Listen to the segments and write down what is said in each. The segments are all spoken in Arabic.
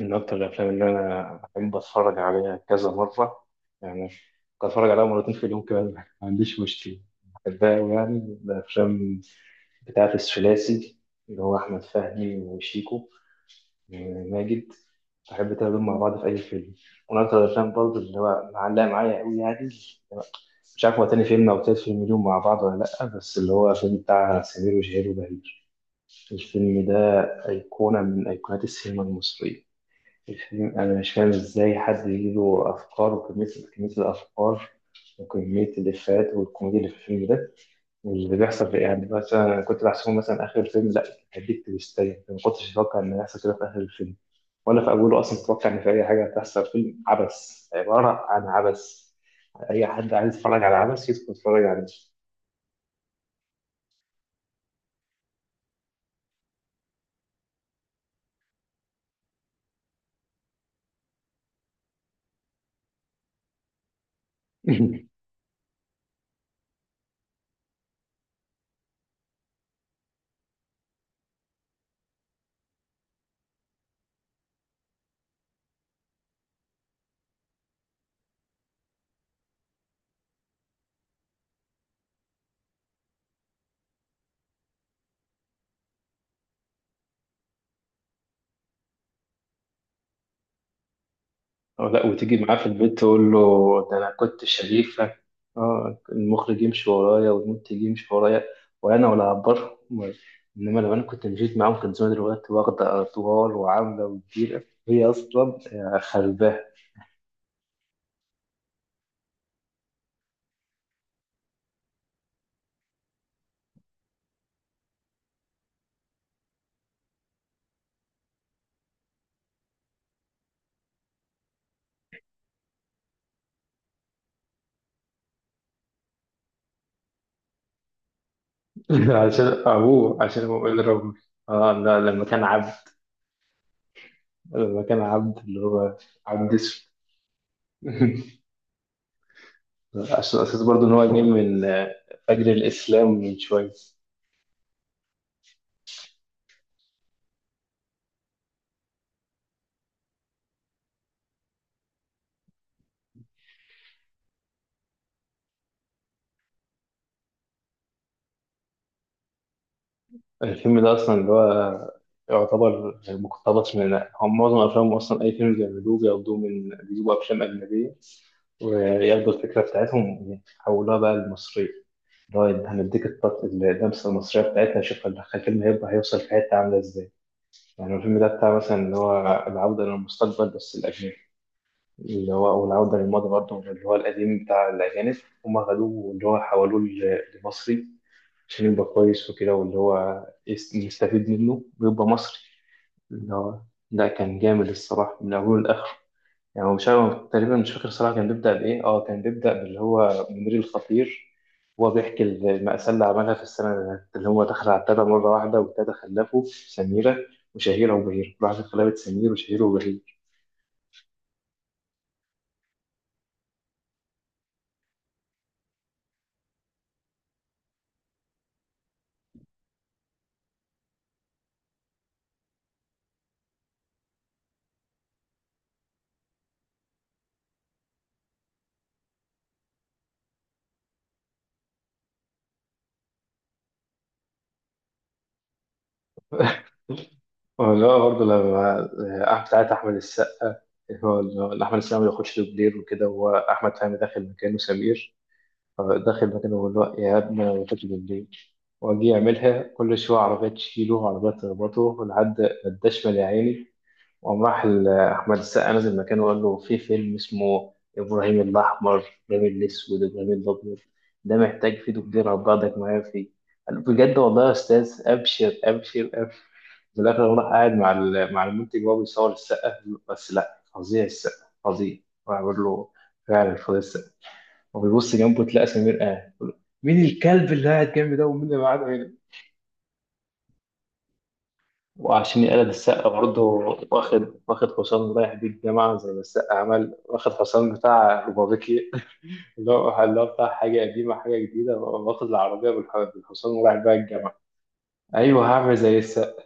من أكتر الأفلام اللي أنا بحب أتفرج عليها كذا مرة، يعني ممكن أتفرج عليها مرتين في اليوم كمان، ما عنديش مشكلة. بحبها أوي، يعني الأفلام بتاعة الثلاثي اللي هو أحمد فهمي وشيكو وماجد. بحب تقابلهم مع بعض في أي فيلم. ومن أكتر الأفلام برضه اللي هو معلقة معايا أوي، يعني مش عارف هو تاني فيلم أو تالت فيلم اليوم مع بعض ولا لأ، بس اللي هو الفيلم بتاع سمير وشهير وبهير. الفيلم ده أيقونة من أيقونات السينما المصرية. الفيلم أنا مش فاهم إزاي حد يجيله أفكار وكمية، كمية الأفكار وكمية الإفيهات والكوميديا اللي في الفيلم ده، واللي بيحصل في إيه؟ يعني مثلا أنا كنت بحسبه مثلا آخر الفيلم لا، هديك تويستاية ما كنتش أتوقع إن هيحصل كده في آخر الفيلم، ولا في أوله أصلا أتوقع إن في أي حاجة هتحصل. فيلم عبث، عبارة عن عبث. أي حد عايز يتفرج على عبث يدخل يتفرج عليه. أو لا، وتيجي معاه في البيت تقول له ده أنا كنت شريفك. آه، المخرج يمشي ورايا والمنتج يمشي ورايا وأنا ولا هعبرهم. إنما لو أنا كنت مشيت معاهم كان زمان دلوقتي واخدة أطوال وعاملة وكبيرة هي أصلا. خرباه. عشان أبوه، عشان أبوه قال ربي. آه لا، لما كان عبد، لما كان عبد اللي هو عبد اسود. عشان أساس برضه إن هو جاي من فجر الإسلام من شوية. الفيلم ده أصلا اللي هو يعتبر مقتبس من هم معظم أفلامهم أصلا. أي فيلم بيعملوه بياخدوه من، بيجيبوا أفلام أجنبية وياخدوا الفكرة بتاعتهم يحولوها بقى للمصرية، اللي هو هنديك اللمسة المصرية بتاعتها. شوف الفيلم هيبقى هيوصل في حتة عاملة إزاي. يعني الفيلم ده بتاع مثلا اللي هو العودة للمستقبل بس الأجنبي، اللي هو أو العودة للماضي برضه اللي هو القديم بتاع الأجانب. هما خدوه اللي هو حولوه لمصري عشان يبقى كويس وكده، واللي هو يستفيد منه ويبقى مصري اللي هو. لا، كان جامد الصراحة من أوله لآخره. يعني هو مش عارف، تقريبا مش فاكر الصراحة كان بيبدأ بإيه. اه، كان بيبدأ باللي هو منير الخطير. هو بيحكي المأساة اللي عملها في السنة اللي فاتت، اللي هو دخل على التلاتة مرة واحدة والتلاتة خلفه سميرة وشهيرة وبهير، راحت خلفت سمير وشهيرة وبهير. لا برضه لما، بتاعت أحمد السقا اللي هو، اللي أحمد السقا ما بياخدش دوبلير وكده، هو أحمد فهمي داخل مكانه سمير. فداخل مكانه بيقول له يا ابني أنا ما باخدش دوبلير، وأجي يعملها كل شوية عربية تشيله وعربية تخبطه لحد ما اداش مال يا عيني. وقام راح أحمد السقا نزل مكانه وقال له في فيلم اسمه إبراهيم الأحمر، إبراهيم الأسود، إبراهيم الأبيض، ده محتاج فيه دكتور، هبعتك معايا فيه. قال له بجد والله يا أستاذ، أبشر أبشر أبشر. في الآخر هو راح قاعد مع مع المنتج وهو بيصور السقا. بس لا، فظيع السقا فظيع. راح بيقول له فعلا فظيع السقا، وبيبص جنبه تلاقى سمير قاعد. مين الكلب اللي قاعد جنبي ده، ومين اللي قاعد هنا؟ وعشان يقلد السقا برضه، واخد حصان رايح بيه الجامعة زي ما السقا عمل، واخد حصان بتاع روبابيكي. اللي هو، اللي هو بتاع حاجة قديمة حاجة جديدة، واخد العربية بالحصان ورايح بيها الجامعة. أيوه، هعمل زي السقا.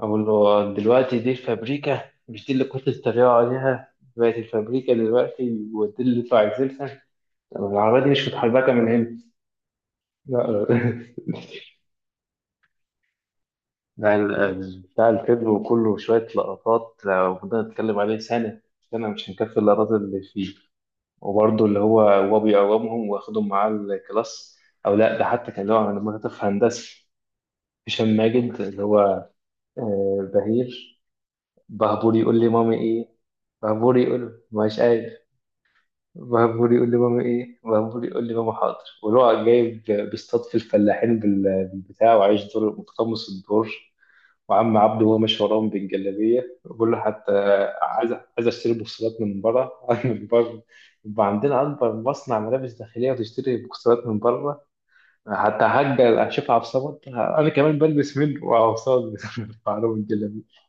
أقول له دلوقتي دي الفابريكا، مش دي اللي كنت بتتريقوا عليها؟ بقت الفابريكا دلوقتي، ودي اللي انتوا عايزينها. طب العربية دي مش متحركة من هنا؟ لا. بتاع بتاع الفيلم، وكله شوية لقطات لو فضلنا نتكلم عليه سنة، سنة مش هنكفي اللقطات اللي فيه. وبرضه اللي هو هو بيقومهم واخدهم معاه الكلاس. أو لأ، ده حتى كان اللي هو لما كنت في هندسة هشام ماجد اللي هو بهير. بهبور يقول لي مامي إيه، بهبور يقول مش قادر، بهبور يقول لي مامي إيه، بهبور يقول لي ماما حاضر. واللي هو جايب بيصطاد في الفلاحين بالبتاع، وعايش دور متقمص الدور. وعم عبده وهو ماشي وراهم بالجلابيه بقول له حتى، عايز عايز اشتري بوكسرات من بره. من بره؟ يبقى عندنا اكبر مصنع ملابس داخليه وتشتري بوكسرات من بره؟ حتى هجر اشوف عبد الصمد انا كمان بلبس منه. وعبد الصمد بعرض الجلابيه.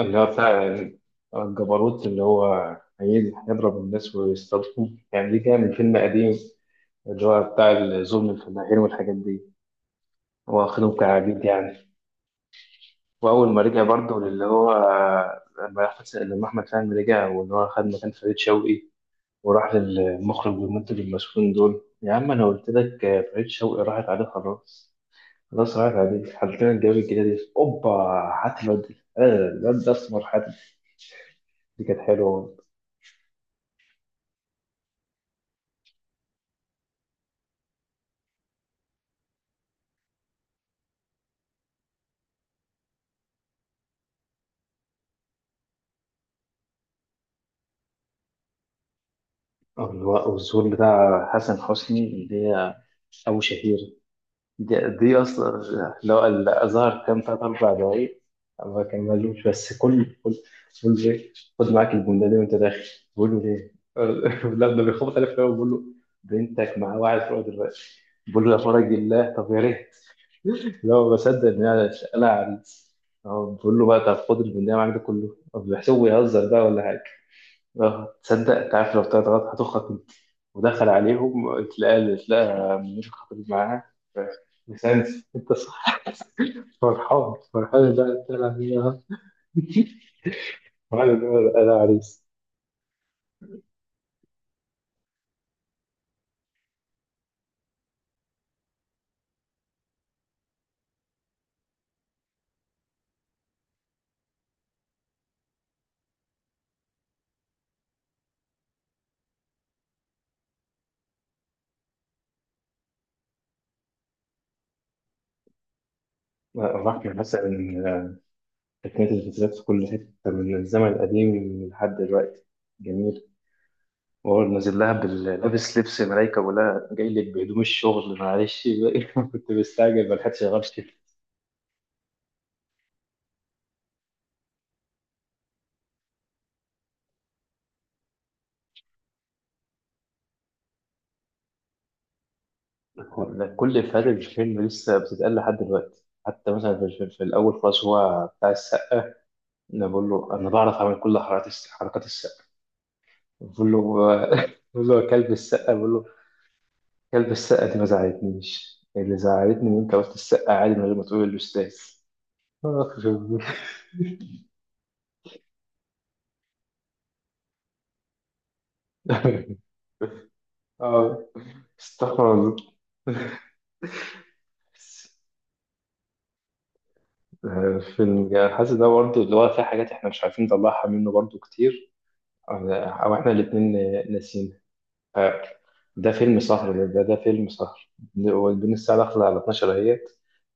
اللي هو بتاع الجبروت اللي هو هيجي هيضرب الناس ويستضربهم، يعني دي كان من فيلم قديم اللي هو بتاع الظلم الفلاحين والحاجات دي، واخدهم كعبيد يعني. واول ما رجع برضه للي هو، لما احمد فهمي رجع، واللي هو خد مكان فريد شوقي وراح للمخرج والمنتج المسؤولين دول. يا عم انا قلت لك فريد شوقي راحت عليه خلاص، خلاص راحت عليه، حطينا لنا الجواب الجديدة دي، اوبا هات الواد ده. آه، الواد ده اسمر حاتم. دي كانت حلوه. واللي هو، والظهور بتاع حسن حسني اللي هي ابو شهير. دي, اصلا لو الازهر كان ثلاث اربع دقايق ما كان مالوش، بس كل بقول له ايه، خد معاك الجمله دي وانت داخل. بقول له ليه؟ لا، ده بيخبط عليه في الأول، بقول له بنتك مع واحد فوق دلوقتي. بقول له يا فرج الله، طب يا ريت. لا ما بصدق ان انا، انا عريس. اه، بقول له بقى طب خد البندقية معاك ده كله. طب بيحسبه بيهزر بقى ولا حاجه. اه، تصدق انت عارف لو طلعت غلط هتخرج؟ ودخل عليهم تلاقى منير خطيب معاه. لسانس، انت صح، فرحان فرحان. لا لا لا، فرحان إن انا عريس. راح مثلا تقنية الفيزيات في كل حتة من الزمن القديم لحد دلوقتي، جميل. وهو نازل لها لابس لبس ملايكة ولا جاي لك بهدوم الشغل معلش بقى. كنت مستعجل ما لحقتش غيرت. كل إفيهات الفيلم لسه بتتقال لحد دلوقتي. حتى مثلا في الأول خالص هو بتاع السقا، انا بقول له انا بعرف اعمل كل حركات السقا. بقول له بقول له يا كلب السقا. بقول له كلب السقا دي ما زعلتنيش، اللي زعلتني ان انت قلت السقا عادي من غير ما تقول الاستاذ. آه، آه، استغفر الله. فيلم يعني، حاسس ده برضه اللي هو فيه حاجات احنا مش عارفين نطلعها منه برضه كتير، أو احنا الاتنين ناسيين. آه، ده فيلم سهر، ده فيلم سهر، وبين الساعة داخلة على 12 اهيت.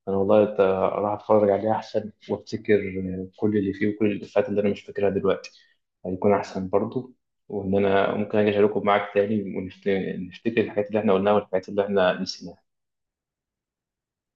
أنا والله راح أتفرج عليه أحسن وأفتكر كل اللي فيه وكل الإفيهات اللي أنا مش فاكرها دلوقتي، هيكون أحسن برضو. وإن أنا ممكن أجي أشاركه معاك تاني ونفتكر الحاجات اللي إحنا قلناها والحاجات اللي إحنا نسيناها.